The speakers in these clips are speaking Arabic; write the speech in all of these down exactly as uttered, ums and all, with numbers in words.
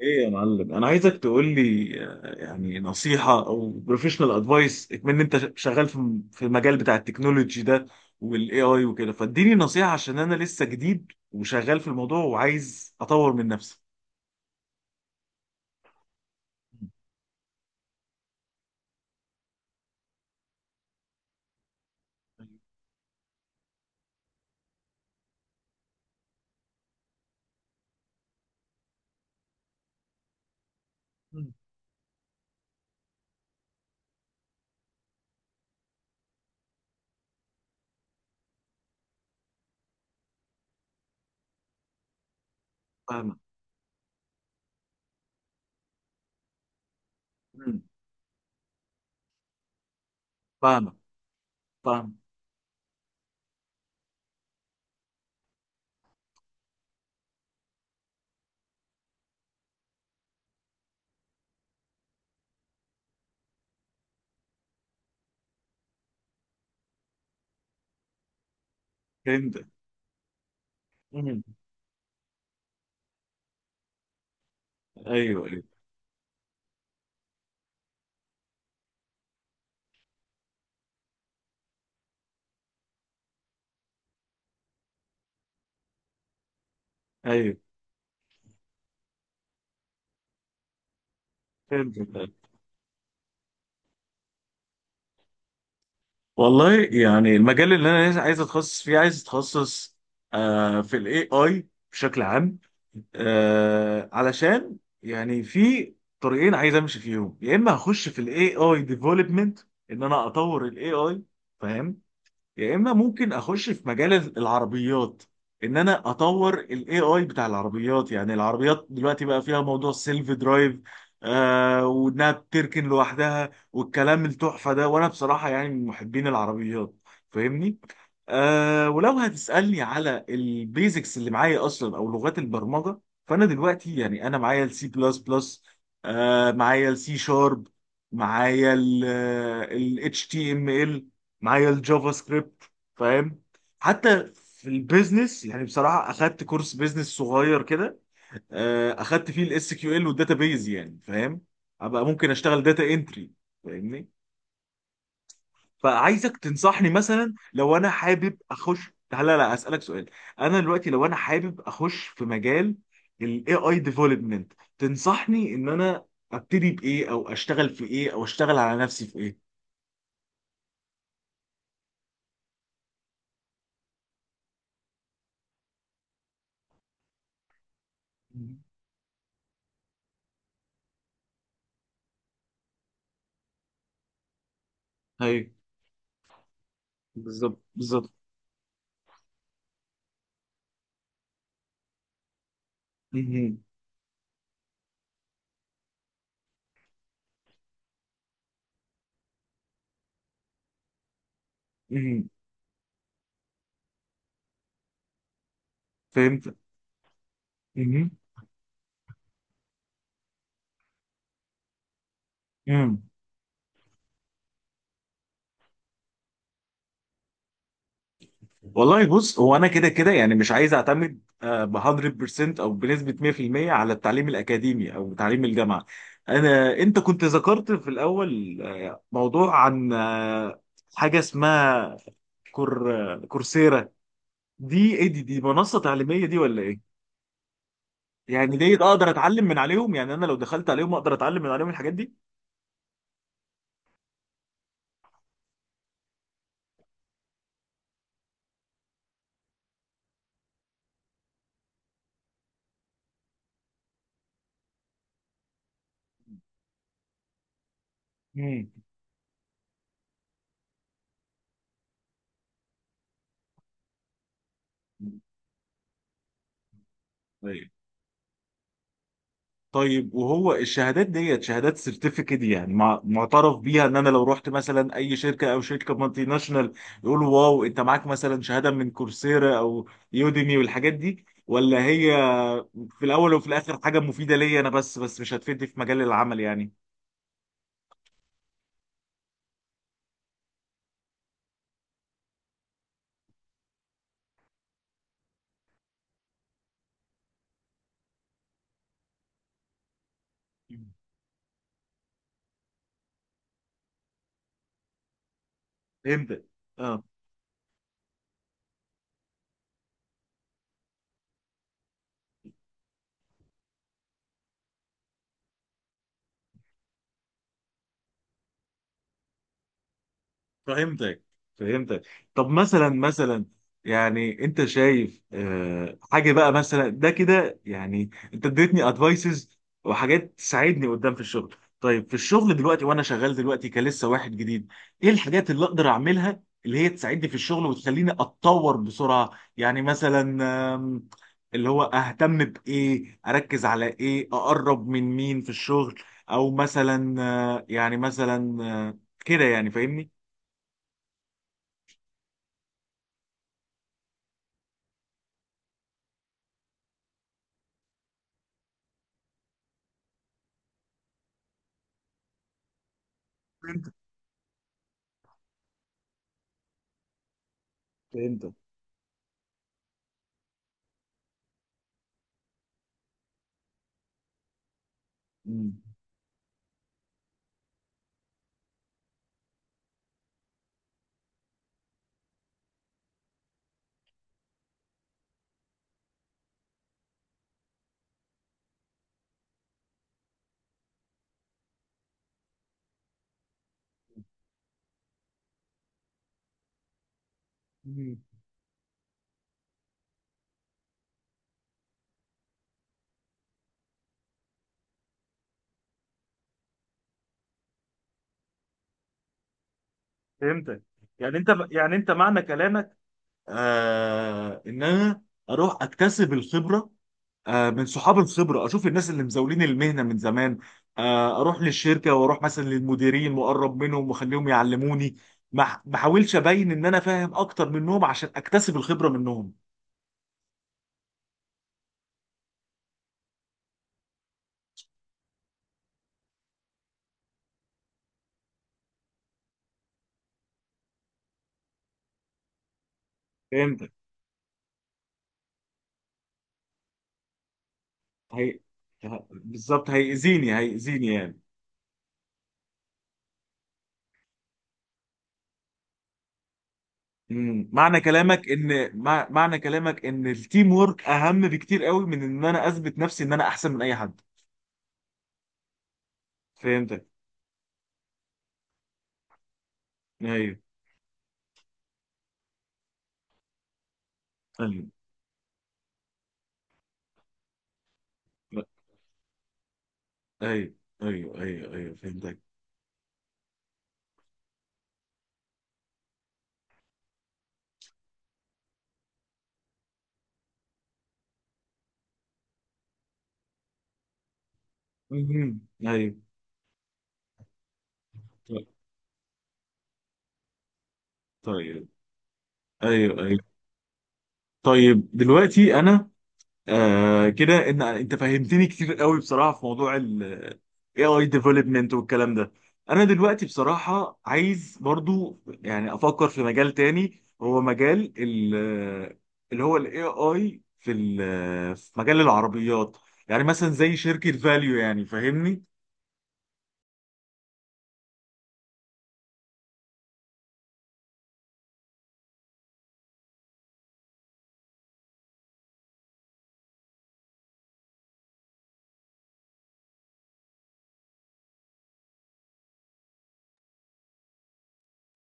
ايه يا معلم، انا عايزك تقول لي آه، يعني نصيحه او بروفيشنال ادفايس، من انت ش- شغال في في المجال بتاع التكنولوجي ده والاي اي وكده. فاديني نصيحه عشان انا لسه جديد وشغال في الموضوع وعايز اطور من نفسي. مم. مم. فاهمه. مم. فاهمه، فاهمه. فهمت. مم. ايوه، ايوه، ايوه، فهمت. والله يعني المجال اللي انا عايز عايز اتخصص فيه، عايز اتخصص آه في الاي اي بشكل عام، آه علشان يعني في طريقين عايز امشي فيهم، يا اما هخش في الاي اي ديفلوبمنت، ان انا اطور الاي اي، فاهم، يا اما ممكن اخش في مجال العربيات، ان انا اطور الاي اي بتاع العربيات. يعني العربيات دلوقتي بقى فيها موضوع سيلف درايف، آه وانها بتركن لوحدها والكلام التحفه ده، وانا بصراحه يعني من محبين العربيات، فاهمني. آه ولو هتسالني على البيزكس اللي معايا اصلا او لغات البرمجه، فانا دلوقتي يعني انا معايا السي بلس بلس، معايا السي شارب، معايا ال اتش تي ام ال، معايا الجافا سكريبت، فاهم. حتى في البيزنس، يعني بصراحه اخدت كورس بيزنس صغير كده، آه، اخدت فيه الاس كيو ال والداتابيز، يعني فاهم، ابقى ممكن اشتغل داتا انتري، فاهمني. فعايزك تنصحني، مثلا لو انا حابب اخش. لا، لا، لا، اسالك سؤال. انا دلوقتي لو انا حابب اخش في مجال الاي اي ديفلوبمنت، تنصحني ان انا ابتدي بايه، او اشتغل في ايه، او اشتغل على نفسي في ايه؟ مم. ايوه، بالظبط، بالظبط. مم. فهمت. مم. مم. والله بص، هو انا كده كده يعني مش عايز اعتمد آه، ب مية في المية او بنسبه مية في المية على التعليم الاكاديمي او تعليم الجامعه. انا انت كنت ذكرت في الاول آه، موضوع عن آه، حاجه اسمها كور آه، كورسيرا. دي ايه؟ دي دي منصه تعليميه دي ولا ايه؟ يعني دي اقدر اتعلم من عليهم؟ يعني انا لو دخلت عليهم اقدر اتعلم من عليهم الحاجات دي؟ مم. طيب، وهو الشهادات ديت شهادات سيرتيفيكت يعني، مع- معترف بيها ان انا لو رحت مثلا اي شركه، او شركه مالتي ناشونال، يقولوا واو انت معاك مثلا شهاده من كورسيرا او يوديمي والحاجات دي؟ ولا هي في الاول وفي الاخر حاجه مفيده ليا انا بس بس مش هتفيدني في مجال العمل يعني؟ فهمت. فهمتك، فهمتك. طب مثلا، مثلا يعني انت شايف آه، حاجه بقى مثلا ده كده؟ يعني انت اديتني ادفايسز وحاجات تساعدني قدام في الشغل. طيب في الشغل دلوقتي، وانا شغال دلوقتي كلسه واحد جديد، ايه الحاجات اللي اقدر اعملها اللي هي تساعدني في الشغل وتخليني اتطور بسرعه؟ يعني مثلا، آم، اللي هو اهتم بايه، اركز على ايه، اقرب من مين في الشغل، او مثلا آه، يعني مثلا آه، كده، يعني فاهمني؟ فهمتك. مم. مم. فهمتك. يعني انت يعني انت معنى كلامك آه ان انا اروح اكتسب الخبره، آه، من صحاب الخبره، اشوف الناس اللي مزاولين المهنه من زمان، آه، اروح للشركه واروح مثلا للمديرين واقرب منهم واخليهم يعلموني، ما ما احاولش ابين ان انا فاهم اكتر منهم، عشان اكتسب الخبره منهم. فهمتك. هي... بالظبط، هيأذيني، هيأذيني يعني. مم. معنى كلامك ان مع... معنى كلامك ان التيم وورك اهم بكتير قوي من ان انا اثبت نفسي ان انا احسن من اي حد؟ فهمتك. ايوه، ايوه. لا. ايوه. ايوه، ايوه، ايوه، فهمتك. مهم. ايوه. ط- طيب. ايوه، ايوه. طيب دلوقتي انا آه كده، ان انت فهمتني كتير قوي بصراحه في موضوع ال A I development والكلام ده. انا دلوقتي بصراحه عايز برضو يعني افكر في مجال تاني، هو مجال ال، اللي هو ال A I في ال- في مجال العربيات، يعني مثلا زي شركه فاليو، يعني فاهمني؟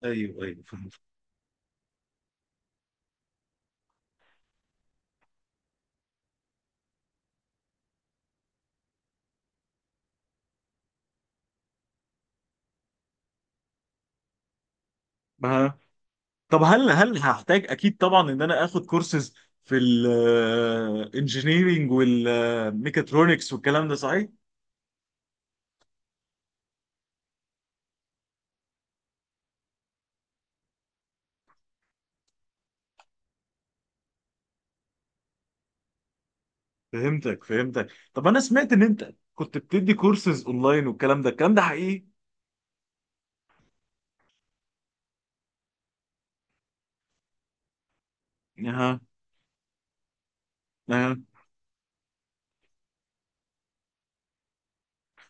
ايوه، ايوه، فهمت. ما طب، هل هل هحتاج اكيد طبعا ان انا اخد كورسز في الانجينيرينج والميكاترونكس والكلام ده، صحيح؟ فهمتك، فهمتك. طب انا سمعت ان انت كنت بتدي كورسز اونلاين والكلام ده. الكلام ده حقيقي؟ اها. اها.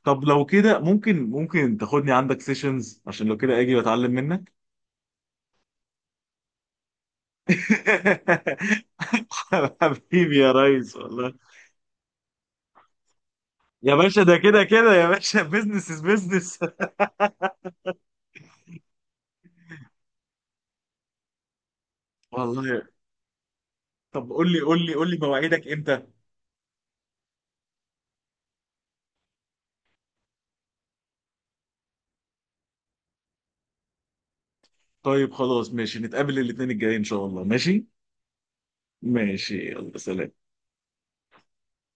طب لو كده، ممكن ممكن تاخدني عندك سيشنز عشان لو كده اجي واتعلم منك. حبيبي يا ريس، والله. يا باشا ده كده كده، يا باشا بزنس از بزنس. والله. طب قول لي، قول لي، قول لي مواعيدك امتى. طيب خلاص، ماشي، نتقابل الاثنين الجاي ان شاء الله. ماشي. ماشي، يلا، سلام.